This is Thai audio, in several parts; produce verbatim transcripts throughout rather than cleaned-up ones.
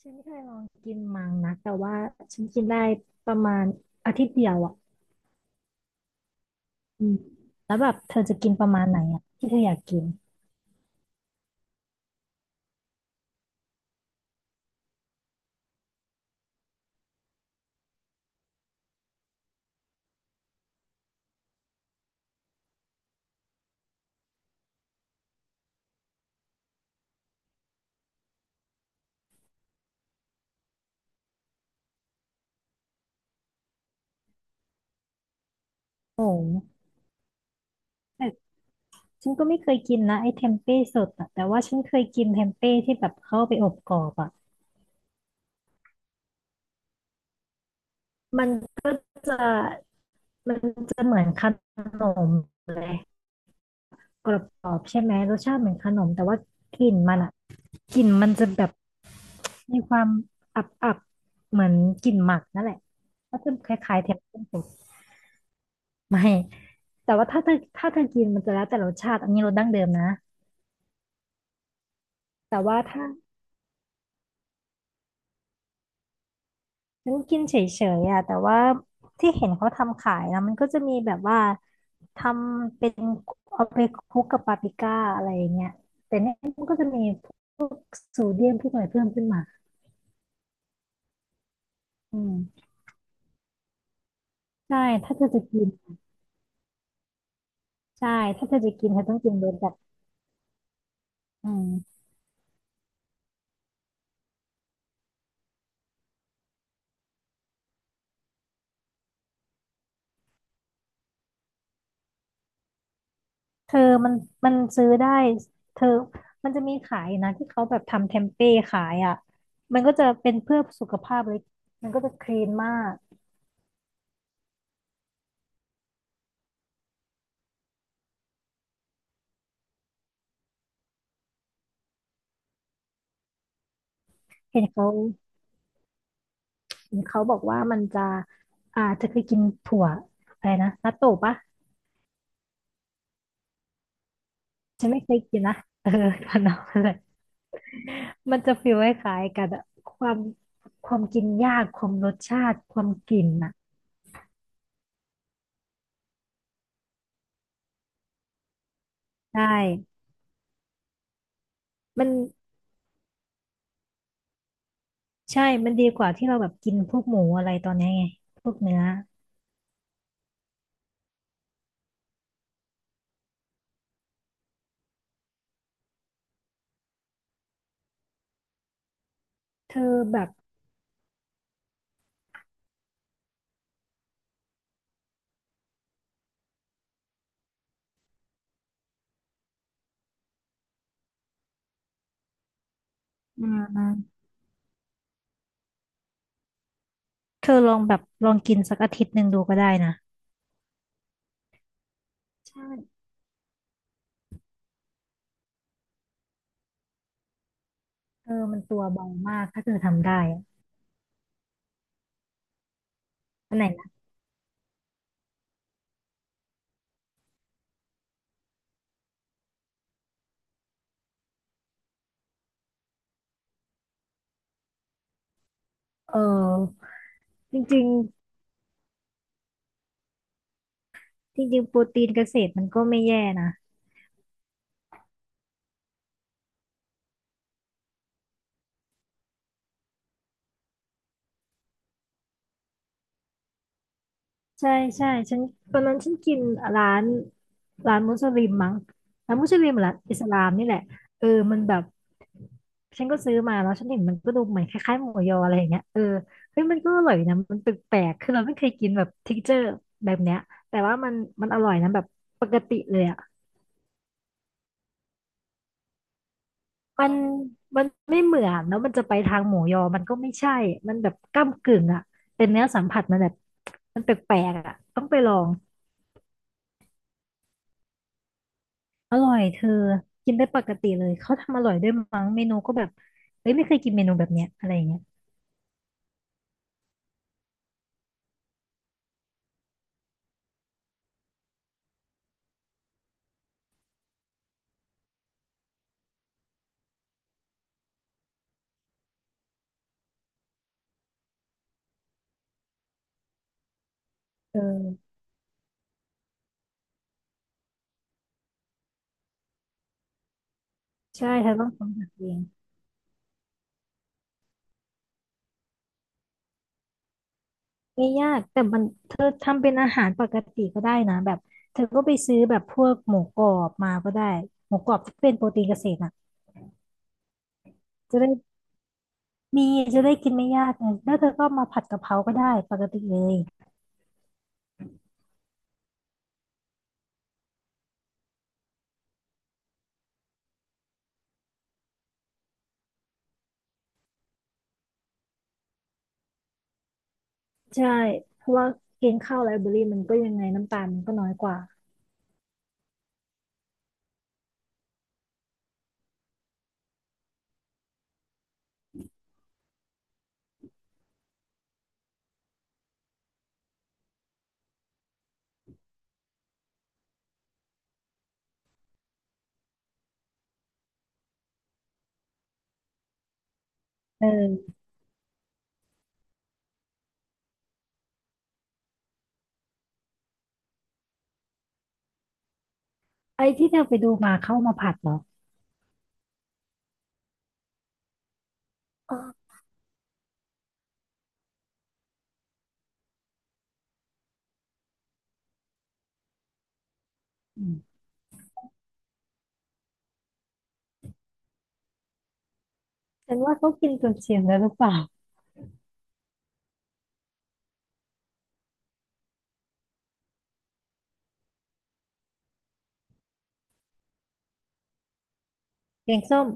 ฉันไม่เคยลองกินมังนะแต่ว่าฉันกินได้ประมาณอาทิตย์เดียวอ่ะอืมแล้วแบบเธอจะกินประมาณไหนอ่ะที่เธออยากกินโอ้โหแต่ฉันก็ไม่เคยกินนะไอ้เทมเป้สดอะแต่ว่าฉันเคยกินเทมเป้ที่แบบเข้าไปอบกรอบอ่ะมันก็จะมันจะเหมือนขนมเลยกรอบๆใช่ไหมรสชาติเหมือนขนมแต่ว่ากลิ่นมันอ่ะกลิ่นมันจะแบบมีความอับๆเหมือนกลิ่นหมักนั่นแหละก็จะคล้ายๆเทมเป้สด ไม่ แต่ว่าถ้าเธอถ้าเธอกินมันจะแล้วแต่รสชาติอันนี้รสดั้งเดิมนะ แต่ว่าถ้าฉันกินเฉยๆอ่ะแต่ว่าที่เห็นเขาทำขายนะมันก็จะมีแบบว่าทำเป็นเอาไปคลุกกับปาปริก้าอะไรอย่างเงี้ยแต่เนี่ยมันก็จะมีพวกโซเดียมพวกอะไรเพิ่มขึ้นมาอืมใช่ถ้าเธอจะกิน ใช่ถ้าเธอจะกินเธอต้องกินรสแบบอืม เธอมันมันซื้อได้เธอมันจะมีขายนะที่เขาแบบทำเทมเป้ขายอ่ะมันก็จะเป็นเพื่อสุขภาพเลยมันก็จะคลีนมากเห็นเขาเห็นเขาบอกว่ามันจะอ่าเธอเคยกินถั่วอะไรนะนัตโตะปะฉันไม่เคยกินนะเออพนมอะไรมันจะฟีลคล้ายๆกันอะความความกินยากความรสชาติความกลิ่นอ่ะใช่มันใช่มันดีกว่าที่เราแบบกินพวกหมูอะไรตอนเนี้ยไงพวกเนื้อเธอแบบ อืมเธอลองแบบลองกินสักอาทิตย์หนึ่งดูก็ได้นะใช่เออมันตัวเบามากถ้าเธอทำได้อะอันไหนนะ เออ จริงๆจริงๆโปรตีนเกษตรมันก็ไม่แย่นะใช่ใช่ฉันตอนนั้นฉันกินร้านร้านมุสลิมมั้ง ร้านมุสลิมหรืออิสลามนี่แหละเออมันแบบฉันก็ซื้อมาแล้วฉันเห็นมันก็ดูเหมือนคล้ายๆหมูยออะไรอย่างเงี้ยเออเฮ้ยมันก็อร่อยนะมันแปลกๆคือเราไม่เคยกินแบบ texture แบบเนี้ยแต่ว่ามันมันอร่อยนะแบบปกติเลยอะ มันมันไม่เหมือนแล้วมันจะไปทางหมูยอมันก็ไม่ใช่มันแบบก้ำกึ่งอ่ะเป็นเนื้อสัมผัสมันแบบมันแปลกๆอ่ะต้องไปลองอร่อยเธอกินได้ปกติเลยเขาทำอร่อยด้วยมั้งเมนูก็แบบเฮ้ยไม่เคยกินเมนูแบบเนี้ยอะไรอย่างเงี้ยเออใช่เธอต้องทำหาเองไม่ยากแต่มันเธอทำเป็นอาหารปกติก็ได้นะแบบเธอก็ไปซื้อแบบพวกหมูกรอบมาก็ได้หมูกรอบที่เป็นโปรตีนเกษตรอ่ะจะได้ มีจะได้กินไม่ยากไงแล้วเธอก็มาผัดกะเพราก็ได้ปกติเลยใช่เพราะว่ากินข้าวไลฟ์เบอรี่มันก็ยังไงน้ำตาลมันก็น้อยกว่าเออไอ้ที่เธอไปดูมาเข้ามาผัดเหรออ๋ออืมฉันว่าเขากินจนเสียงแล้วหรือเปล่าแกงส้ม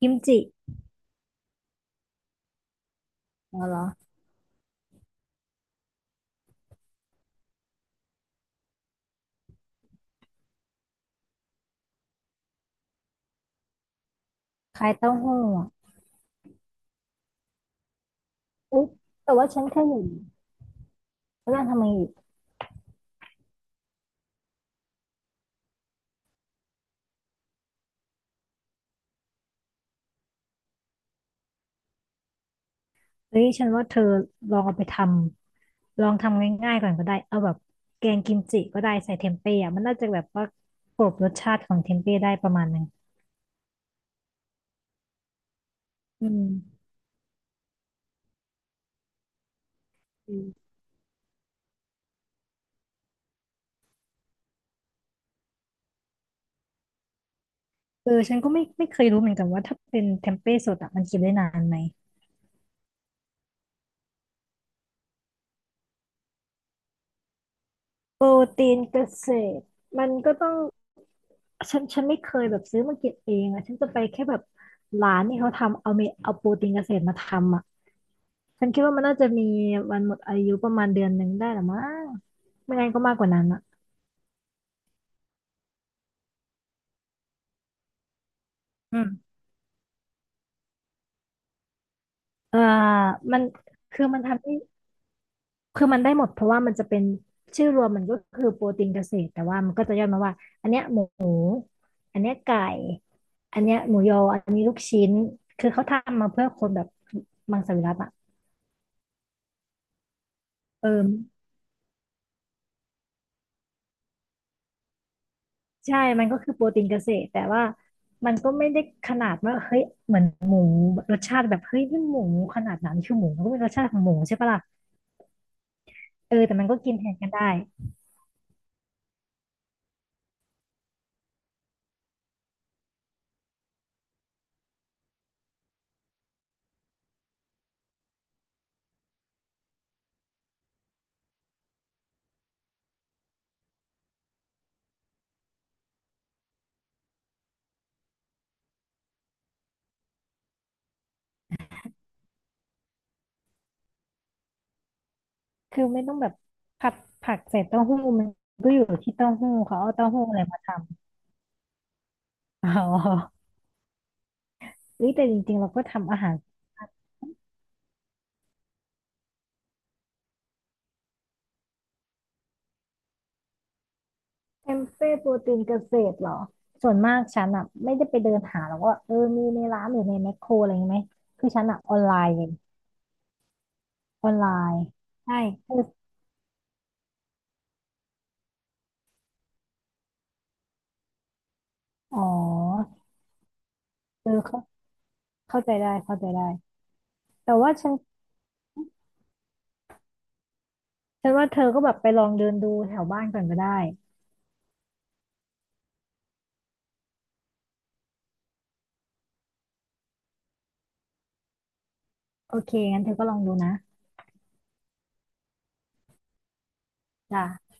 กิมจิเอเหรอคล้ายเต้าหู้อะอุ๊ยแต่ว่าฉันแค่เห็นแล้วนางทำไมอีกเฮ้ยฉันว่าเธอลองเอาไปทำลองทำง่ายๆก่อนก็ได้เอาแบบแกงกิมจิก็ได้ใส่เทมเป้อะมันน่าจะแบบว่ากลบรสชาติของเทมเป้ได้ประมาณนึง อืมอืมเออฉันก็ไม่ไม่เคยรู้เหมือนกันว่าถ้าเป็นเทมเป้สดอะมันกินได้นานไหมโปรตีนเกษตรมันก็ต้องฉันฉันไม่เคยแบบซื้อมาเกิบเองอะฉันจะไปแค่แบบร้านที่เขาทำเอาเมเอาโปรตีนเกษตรมาทำอะฉันคิดว่ามันน่าจะมีวันหมดอายุประมาณเดือนหนึ่งได้หรือมั้งไม่งั้นก็มากกว่านั้นอะอืมเอ่อมันคือมันทำได้ คือมันได้หมดเพราะว่ามันจะเป็นชื่อรวมมันก็คือโปรตีนเกษตรแต่ว่ามันก็จะย่อมาว่าอันเนี้ยหมูอันเนี้ยไก่อันเนี้ยหมูยออันนี้ลูกชิ้นคือเขาทำมาเพื่อคนแบบมังสวิรัติอ่ะเออใช่มันก็คือโปรตีนเกษตรแต่ว่ามันก็ไม่ได้ขนาดว่าเฮ้ยเหมือนหมูรสชาติแบบเฮ้ยนี่หมูขนาดนั้นคือหมูมันก็เป็นรสชาติของหมูใช่ปะล่ะเออแต่มันก็กินแทนกันได้คือไม่ต้องแบบผัดผักใส่เต้าหู้มันก็อยู่ที่เต้าหู้เขาเอาเต้าหู้อะไรมาทำ อ๋อนี่แต่จริงๆเราก็ทำอาหารเทมเป้โปรตีนเกษตรเหรอส่วนมากฉันอ่ะไม่ได้ไปเดินหาหรอกว่าเออมีในร้านหรือในแมคโครอะไรอย่างงี้ไหมคือฉันอ่ะออนไลน์เลยออนไลน์ใช่คืออ๋อเออเข้าเข้าใจได้เข้าใจได้แต่ว่าฉันฉันว่าเธอก็แบบไปลองเดินดูแถวบ้านก่อนก็ได้โอเคงั้นเธอก็ลองดูนะจ้ะ